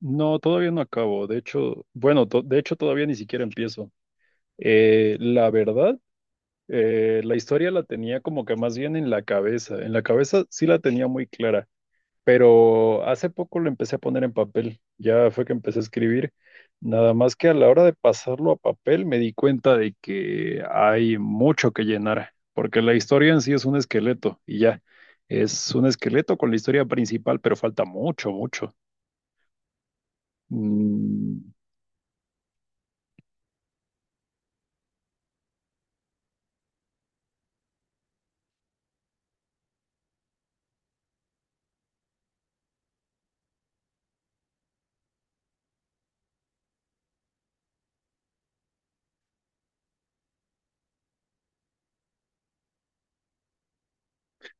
No, todavía no acabo. De hecho, bueno, de hecho todavía ni siquiera empiezo. La verdad, la historia la tenía como que más bien en la cabeza. En la cabeza sí la tenía muy clara. Pero hace poco lo empecé a poner en papel, ya fue que empecé a escribir, nada más que a la hora de pasarlo a papel me di cuenta de que hay mucho que llenar, porque la historia en sí es un esqueleto y ya, es un esqueleto con la historia principal, pero falta mucho, mucho. Mm,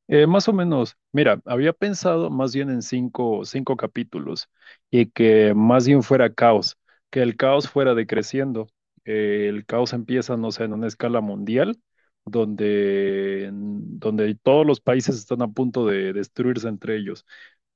Más o menos, mira, había pensado más bien en cinco capítulos y que más bien fuera caos, que el caos fuera decreciendo. El caos empieza, no sé, en una escala mundial, donde todos los países están a punto de destruirse entre ellos.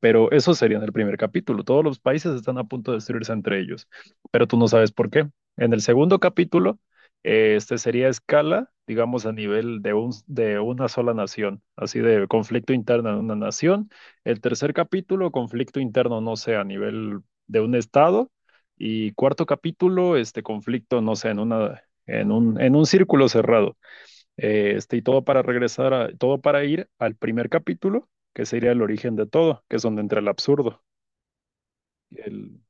Pero eso sería en el primer capítulo, todos los países están a punto de destruirse entre ellos, pero tú no sabes por qué. En el segundo capítulo, este sería escala, digamos, a nivel de una sola nación, así de conflicto interno en una nación. El tercer capítulo, conflicto interno, no sé, a nivel de un estado. Y cuarto capítulo, este conflicto, no sé, en un círculo cerrado. Y todo para todo para ir al primer capítulo, que sería el origen de todo, que es donde entra el absurdo. El,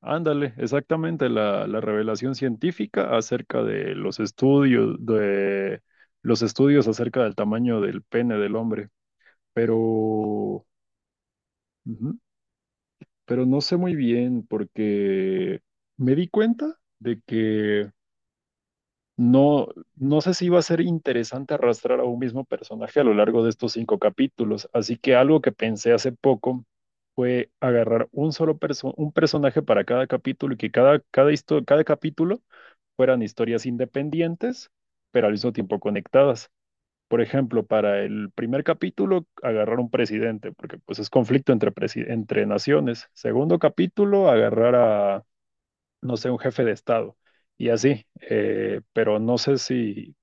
Ándale, exactamente la revelación científica acerca de los estudios acerca del tamaño del pene del hombre. Pero, ujú, pero no sé muy bien porque me di cuenta de que no, no sé si iba a ser interesante arrastrar a un mismo personaje a lo largo de estos cinco capítulos, así que algo que pensé hace poco fue agarrar un personaje para cada capítulo y que cada capítulo fueran historias independientes, pero al mismo tiempo conectadas. Por ejemplo, para el primer capítulo, agarrar un presidente, porque pues es conflicto entre naciones. Segundo capítulo, agarrar, no sé, un jefe de Estado. Y así, pero no sé si...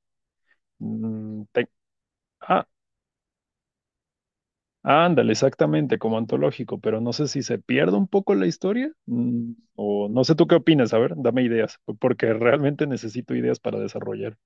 mm, te- ah, Ándale, exactamente, como antológico, pero no sé si se pierde un poco la historia, o no sé tú qué opinas. A ver, dame ideas, porque realmente necesito ideas para desarrollar.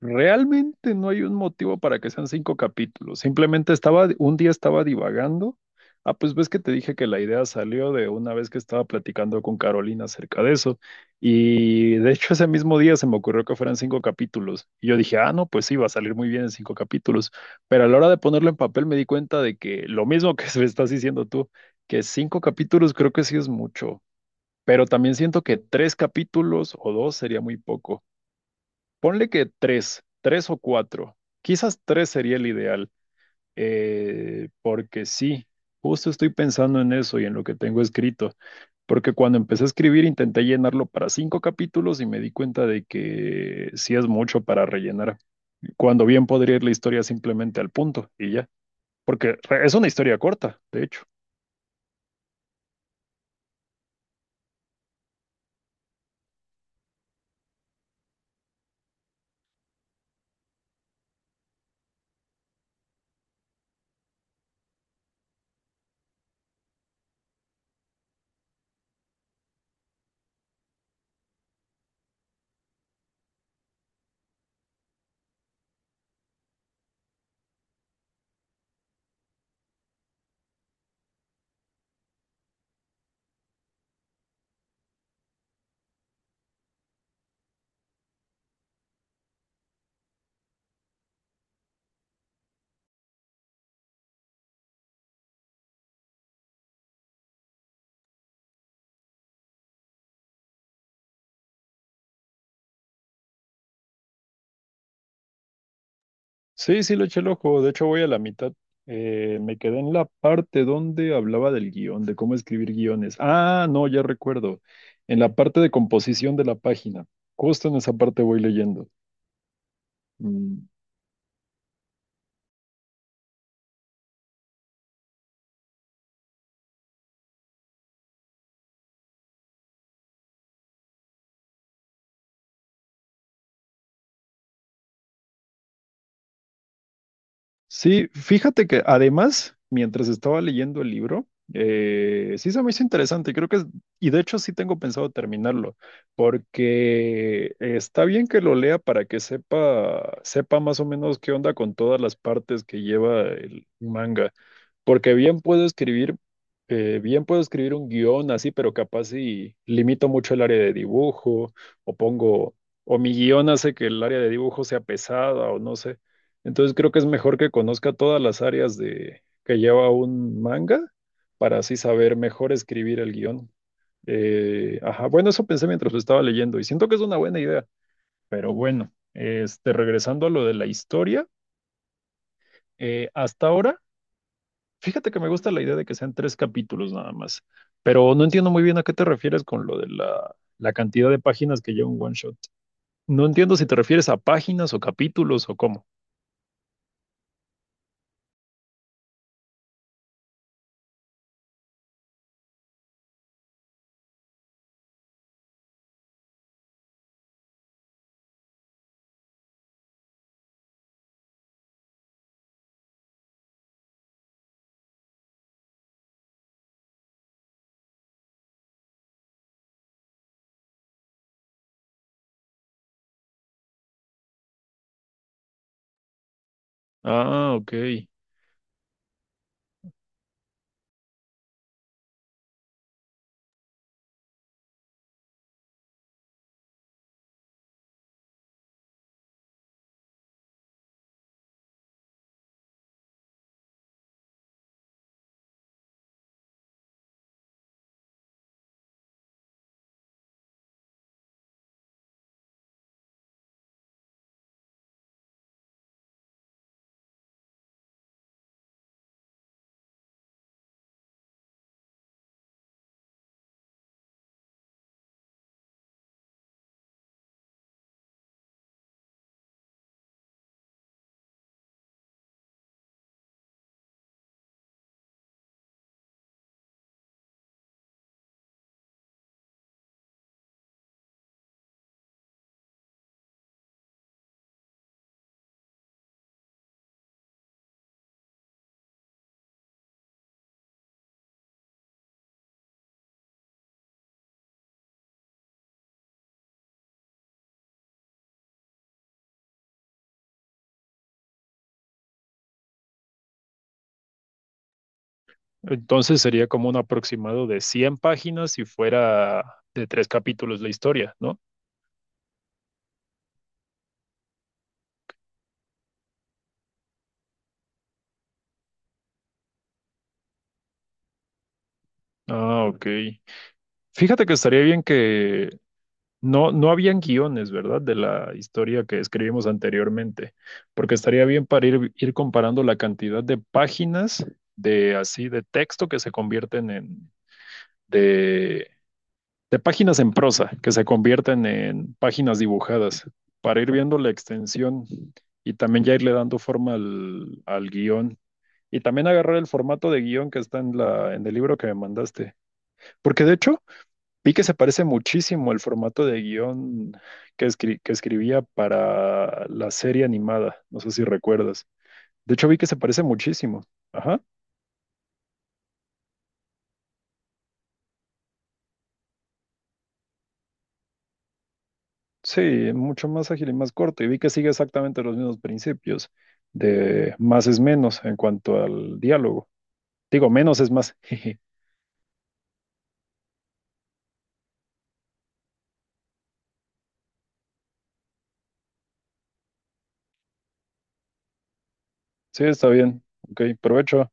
Realmente no hay un motivo para que sean cinco capítulos. Simplemente estaba, un día estaba divagando. Ah, pues ves que te dije que la idea salió de una vez que estaba platicando con Carolina acerca de eso. Y de hecho ese mismo día se me ocurrió que fueran cinco capítulos. Y yo dije, ah, no, pues sí, va a salir muy bien en cinco capítulos. Pero a la hora de ponerlo en papel me di cuenta de que lo mismo que se estás diciendo tú, que cinco capítulos creo que sí es mucho. Pero también siento que tres capítulos o dos sería muy poco. Ponle que tres o cuatro. Quizás tres sería el ideal, porque sí, justo estoy pensando en eso y en lo que tengo escrito, porque cuando empecé a escribir intenté llenarlo para cinco capítulos y me di cuenta de que sí es mucho para rellenar, cuando bien podría ir la historia simplemente al punto y ya, porque es una historia corta, de hecho. Sí, sí, le eché el ojo. De hecho, voy a la mitad. Me quedé en la parte donde hablaba del guión, de cómo escribir guiones. Ah, no, ya recuerdo. En la parte de composición de la página. Justo en esa parte voy leyendo. Mm. Sí, fíjate que además, mientras estaba leyendo el libro, sí se me hizo interesante, creo que, y de hecho sí tengo pensado terminarlo, porque está bien que lo lea para que sepa, sepa más o menos qué onda con todas las partes que lleva el manga, porque bien puedo escribir un guión así, pero capaz si limito mucho el área de dibujo, o pongo, o mi guión hace que el área de dibujo sea pesada, o no sé. Entonces creo que es mejor que conozca todas las áreas de que lleva un manga para así saber mejor escribir el guión. Ajá, bueno, eso pensé mientras lo estaba leyendo y siento que es una buena idea. Pero bueno, regresando a lo de la historia, hasta ahora, fíjate que me gusta la idea de que sean tres capítulos nada más, pero no entiendo muy bien a qué te refieres con lo de la cantidad de páginas que lleva un one shot. No entiendo si te refieres a páginas o capítulos o cómo. Ah, ok. Entonces sería como un aproximado de 100 páginas si fuera de tres capítulos la historia, ¿no? Ah, ok. Fíjate que estaría bien que, no, no habían guiones, ¿verdad? De la historia que escribimos anteriormente, porque estaría bien para ir, ir comparando la cantidad de páginas de así, de texto que se convierten en, de, de páginas en prosa, que se convierten en páginas dibujadas, para ir viendo la extensión y también ya irle dando forma al, al guión. Y también agarrar el formato de guión que está en la, en el libro que me mandaste. Porque de hecho, vi que se parece muchísimo el formato de guión que escribía para la serie animada. No sé si recuerdas. De hecho, vi que se parece muchísimo. Ajá. Sí, mucho más ágil y más corto. Y vi que sigue exactamente los mismos principios de más es menos en cuanto al diálogo. Digo, menos es más. Sí, está bien. Ok, provecho.